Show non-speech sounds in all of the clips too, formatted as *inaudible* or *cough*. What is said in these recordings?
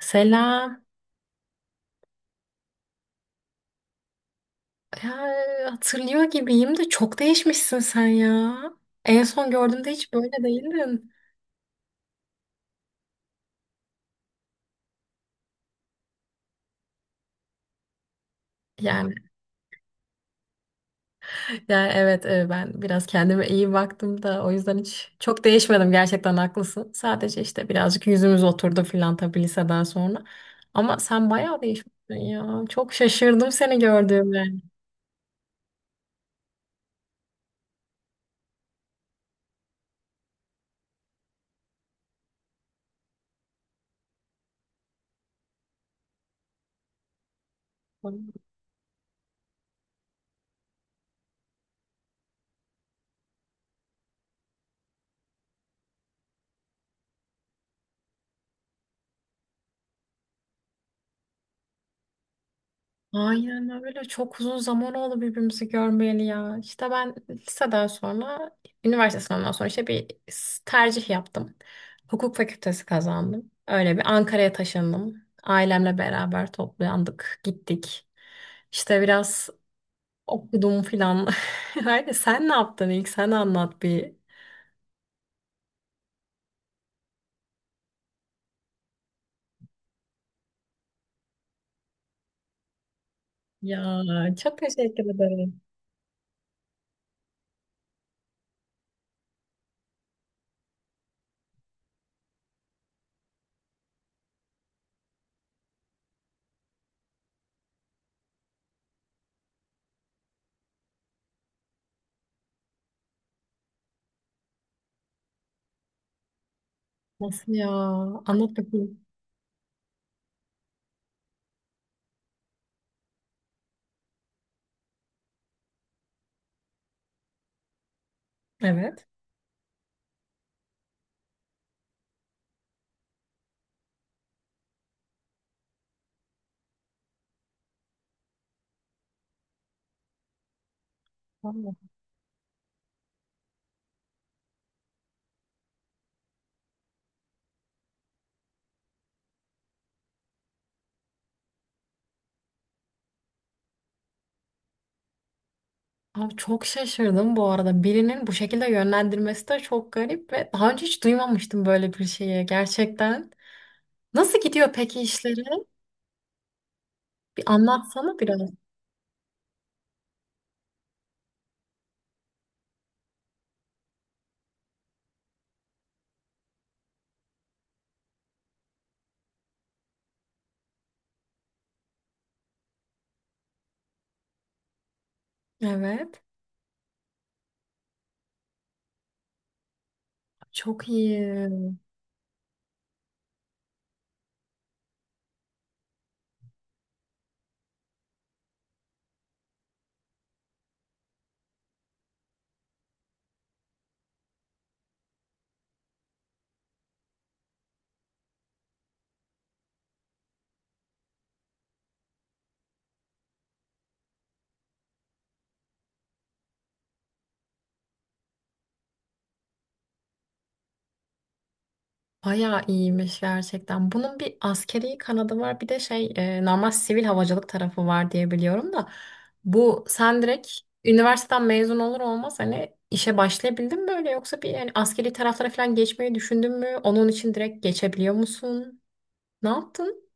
Selam. Ya, hatırlıyor gibiyim de çok değişmişsin sen ya. En son gördüğümde hiç böyle değildin. Yani, yani, evet, ben biraz kendime iyi baktım da o yüzden hiç çok değişmedim gerçekten haklısın. Sadece işte birazcık yüzümüz oturdu filan tabii liseden sonra. Ama sen bayağı değişmişsin ya. Çok şaşırdım seni gördüğümde. Aynen öyle. Çok uzun zaman oldu birbirimizi görmeyeli ya. İşte ben liseden sonra, üniversite sınavından sonra işte bir tercih yaptım. Hukuk fakültesi kazandım. Öyle bir Ankara'ya taşındım. Ailemle beraber toplandık, gittik. İşte biraz okudum filan. *laughs* Öyle sen ne yaptın ilk? Sen anlat bir. Ya, çok teşekkür ederim. Nasıl ya? Anlat bakayım. Evet. Abi çok şaşırdım bu arada. Birinin bu şekilde yönlendirmesi de çok garip ve daha önce hiç duymamıştım böyle bir şeyi gerçekten. Nasıl gidiyor peki işleri? Bir anlatsana biraz. Evet. Çok iyi. Bayağı iyiymiş gerçekten. Bunun bir askeri kanadı var, bir de şey normal sivil havacılık tarafı var diye biliyorum da. Bu sen direkt üniversiteden mezun olur olmaz hani işe başlayabildin mi öyle, yoksa bir yani askeri taraflara falan geçmeyi düşündün mü? Onun için direkt geçebiliyor musun? Ne yaptın?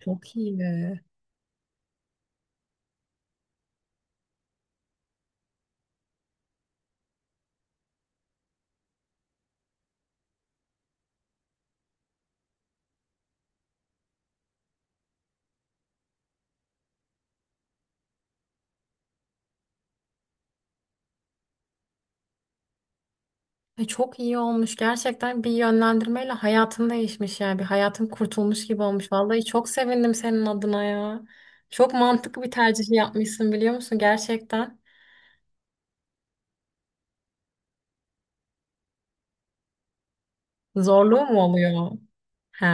Çok iyi. Çok iyi olmuş. Gerçekten bir yönlendirmeyle hayatın değişmiş yani. Bir hayatın kurtulmuş gibi olmuş. Vallahi çok sevindim senin adına ya. Çok mantıklı bir tercih yapmışsın biliyor musun? Gerçekten. Zorluğu mu oluyor? He.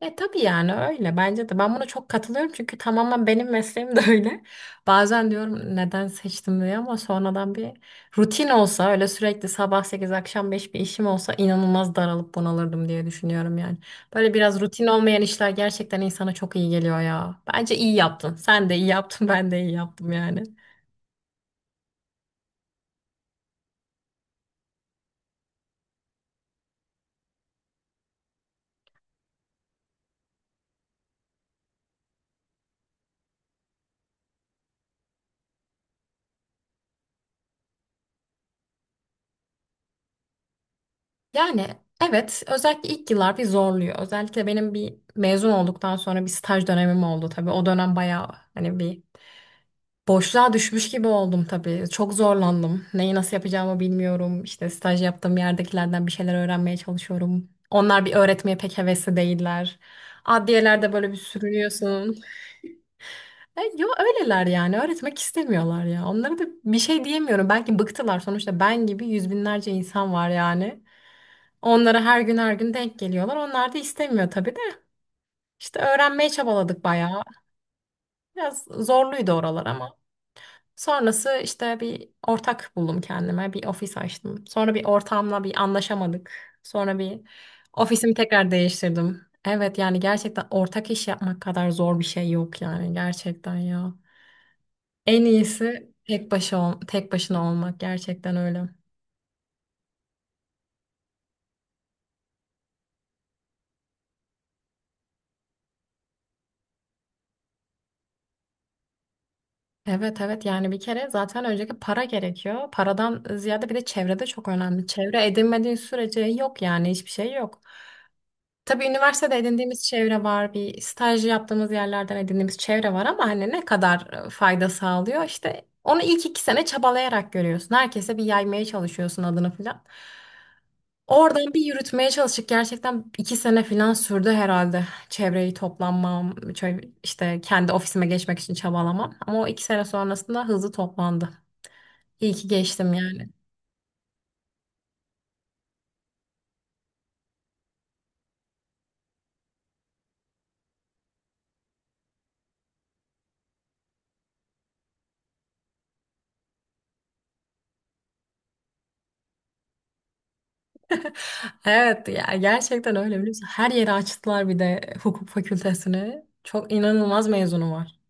E tabii yani, öyle bence de. Ben buna çok katılıyorum çünkü tamamen benim mesleğim de *laughs* öyle. Bazen diyorum neden seçtim diye, ama sonradan bir rutin olsa, öyle sürekli sabah 8 akşam 5 bir işim olsa, inanılmaz daralıp bunalırdım diye düşünüyorum yani. Böyle biraz rutin olmayan işler gerçekten insana çok iyi geliyor ya. Bence iyi yaptın. Sen de iyi yaptın, ben de iyi yaptım yani. Yani evet, özellikle ilk yıllar bir zorluyor. Özellikle benim bir mezun olduktan sonra bir staj dönemim oldu tabii. O dönem bayağı hani bir boşluğa düşmüş gibi oldum tabii. Çok zorlandım. Neyi nasıl yapacağımı bilmiyorum. İşte staj yaptığım yerdekilerden bir şeyler öğrenmeye çalışıyorum. Onlar bir öğretmeye pek hevesli değiller. Adliyelerde böyle bir sürünüyorsun. Yo, öyleler yani. Öğretmek istemiyorlar ya. Onlara da bir şey diyemiyorum. Belki bıktılar. Sonuçta ben gibi yüz binlerce insan var yani. Onlara her gün her gün denk geliyorlar. Onlar da istemiyor tabii de. İşte öğrenmeye çabaladık bayağı. Biraz zorluydu oralar ama. Sonrası işte bir ortak buldum kendime. Bir ofis açtım. Sonra bir ortamla bir anlaşamadık. Sonra bir ofisimi tekrar değiştirdim. Evet yani, gerçekten ortak iş yapmak kadar zor bir şey yok yani, gerçekten ya. En iyisi tek başına olmak, gerçekten öyle. Evet, evet yani bir kere zaten önceki para gerekiyor. Paradan ziyade bir de çevrede çok önemli. Çevre edinmediğin sürece yok yani, hiçbir şey yok. Tabii üniversitede edindiğimiz çevre var, bir staj yaptığımız yerlerden edindiğimiz çevre var, ama hani ne kadar fayda sağlıyor, işte onu ilk 2 sene çabalayarak görüyorsun. Herkese bir yaymaya çalışıyorsun adını falan. Oradan bir yürütmeye çalıştık. Gerçekten iki sene falan sürdü herhalde. Çevreyi toplanmam, işte kendi ofisime geçmek için çabalamam. Ama o 2 sene sonrasında hızlı toplandı. İyi ki geçtim yani. Evet ya, gerçekten öyle biliyorsun. Her yeri açtılar bir de hukuk fakültesini. Çok inanılmaz mezunu var.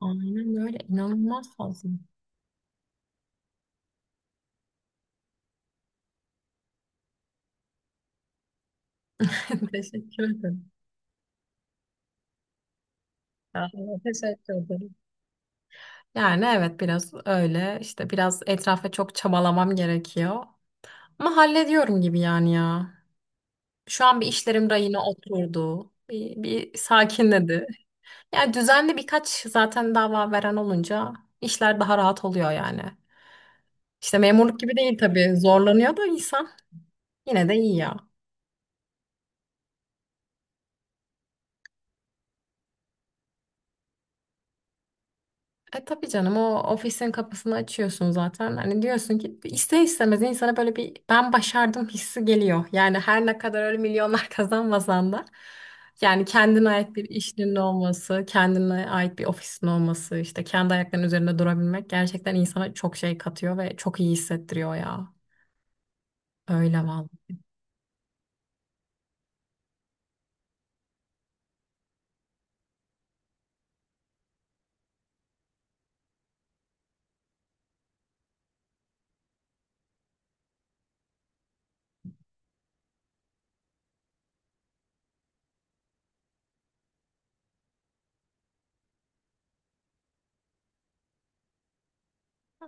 Aynen öyle. İnanılmaz fazla. *laughs* Teşekkür ederim. Ya, teşekkür ederim. Yani evet, biraz öyle. İşte biraz etrafa çok çabalamam gerekiyor. Ama hallediyorum gibi yani ya. Şu an bir işlerim rayına oturdu. Bir sakinledi. Yani düzenli birkaç zaten dava veren olunca işler daha rahat oluyor yani. İşte memurluk gibi değil tabii. Zorlanıyor da insan. Yine de iyi ya. E tabii canım, o ofisin kapısını açıyorsun zaten. Hani diyorsun ki ister istemez insana böyle bir ben başardım hissi geliyor. Yani her ne kadar öyle milyonlar *laughs* kazanmasan da, yani kendine ait bir işinin olması, kendine ait bir ofisin olması, işte kendi ayaklarının üzerinde durabilmek gerçekten insana çok şey katıyor ve çok iyi hissettiriyor ya. Öyle vallahi.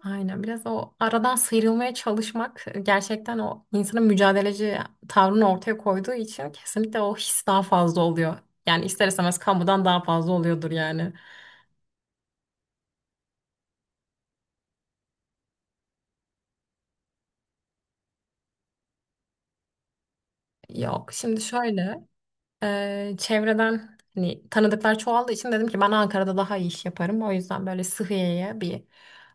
Aynen, biraz o aradan sıyrılmaya çalışmak gerçekten o insanın mücadeleci tavrını ortaya koyduğu için kesinlikle o his daha fazla oluyor. Yani ister istemez kamudan daha fazla oluyordur yani. Yok, şimdi şöyle. Çevreden hani tanıdıklar çoğaldığı için dedim ki ben Ankara'da daha iyi iş yaparım. O yüzden böyle Sıhhiye'ye bir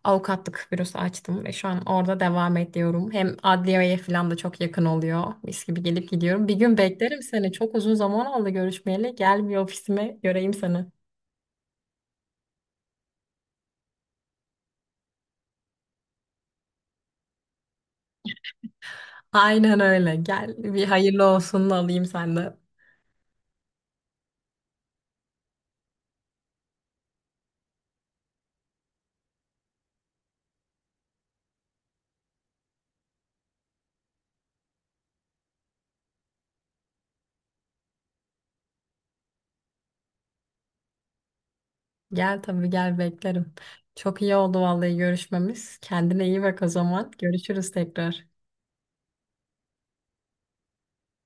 avukatlık bürosu açtım ve şu an orada devam ediyorum. Hem adliyeye falan da çok yakın oluyor. Mis gibi gelip gidiyorum. Bir gün beklerim seni. Çok uzun zaman oldu görüşmeyeli. Gel bir ofisime göreyim seni. Aynen öyle. Gel bir hayırlı olsun alayım senden. Gel tabii, gel beklerim. Çok iyi oldu vallahi görüşmemiz. Kendine iyi bak o zaman. Görüşürüz tekrar.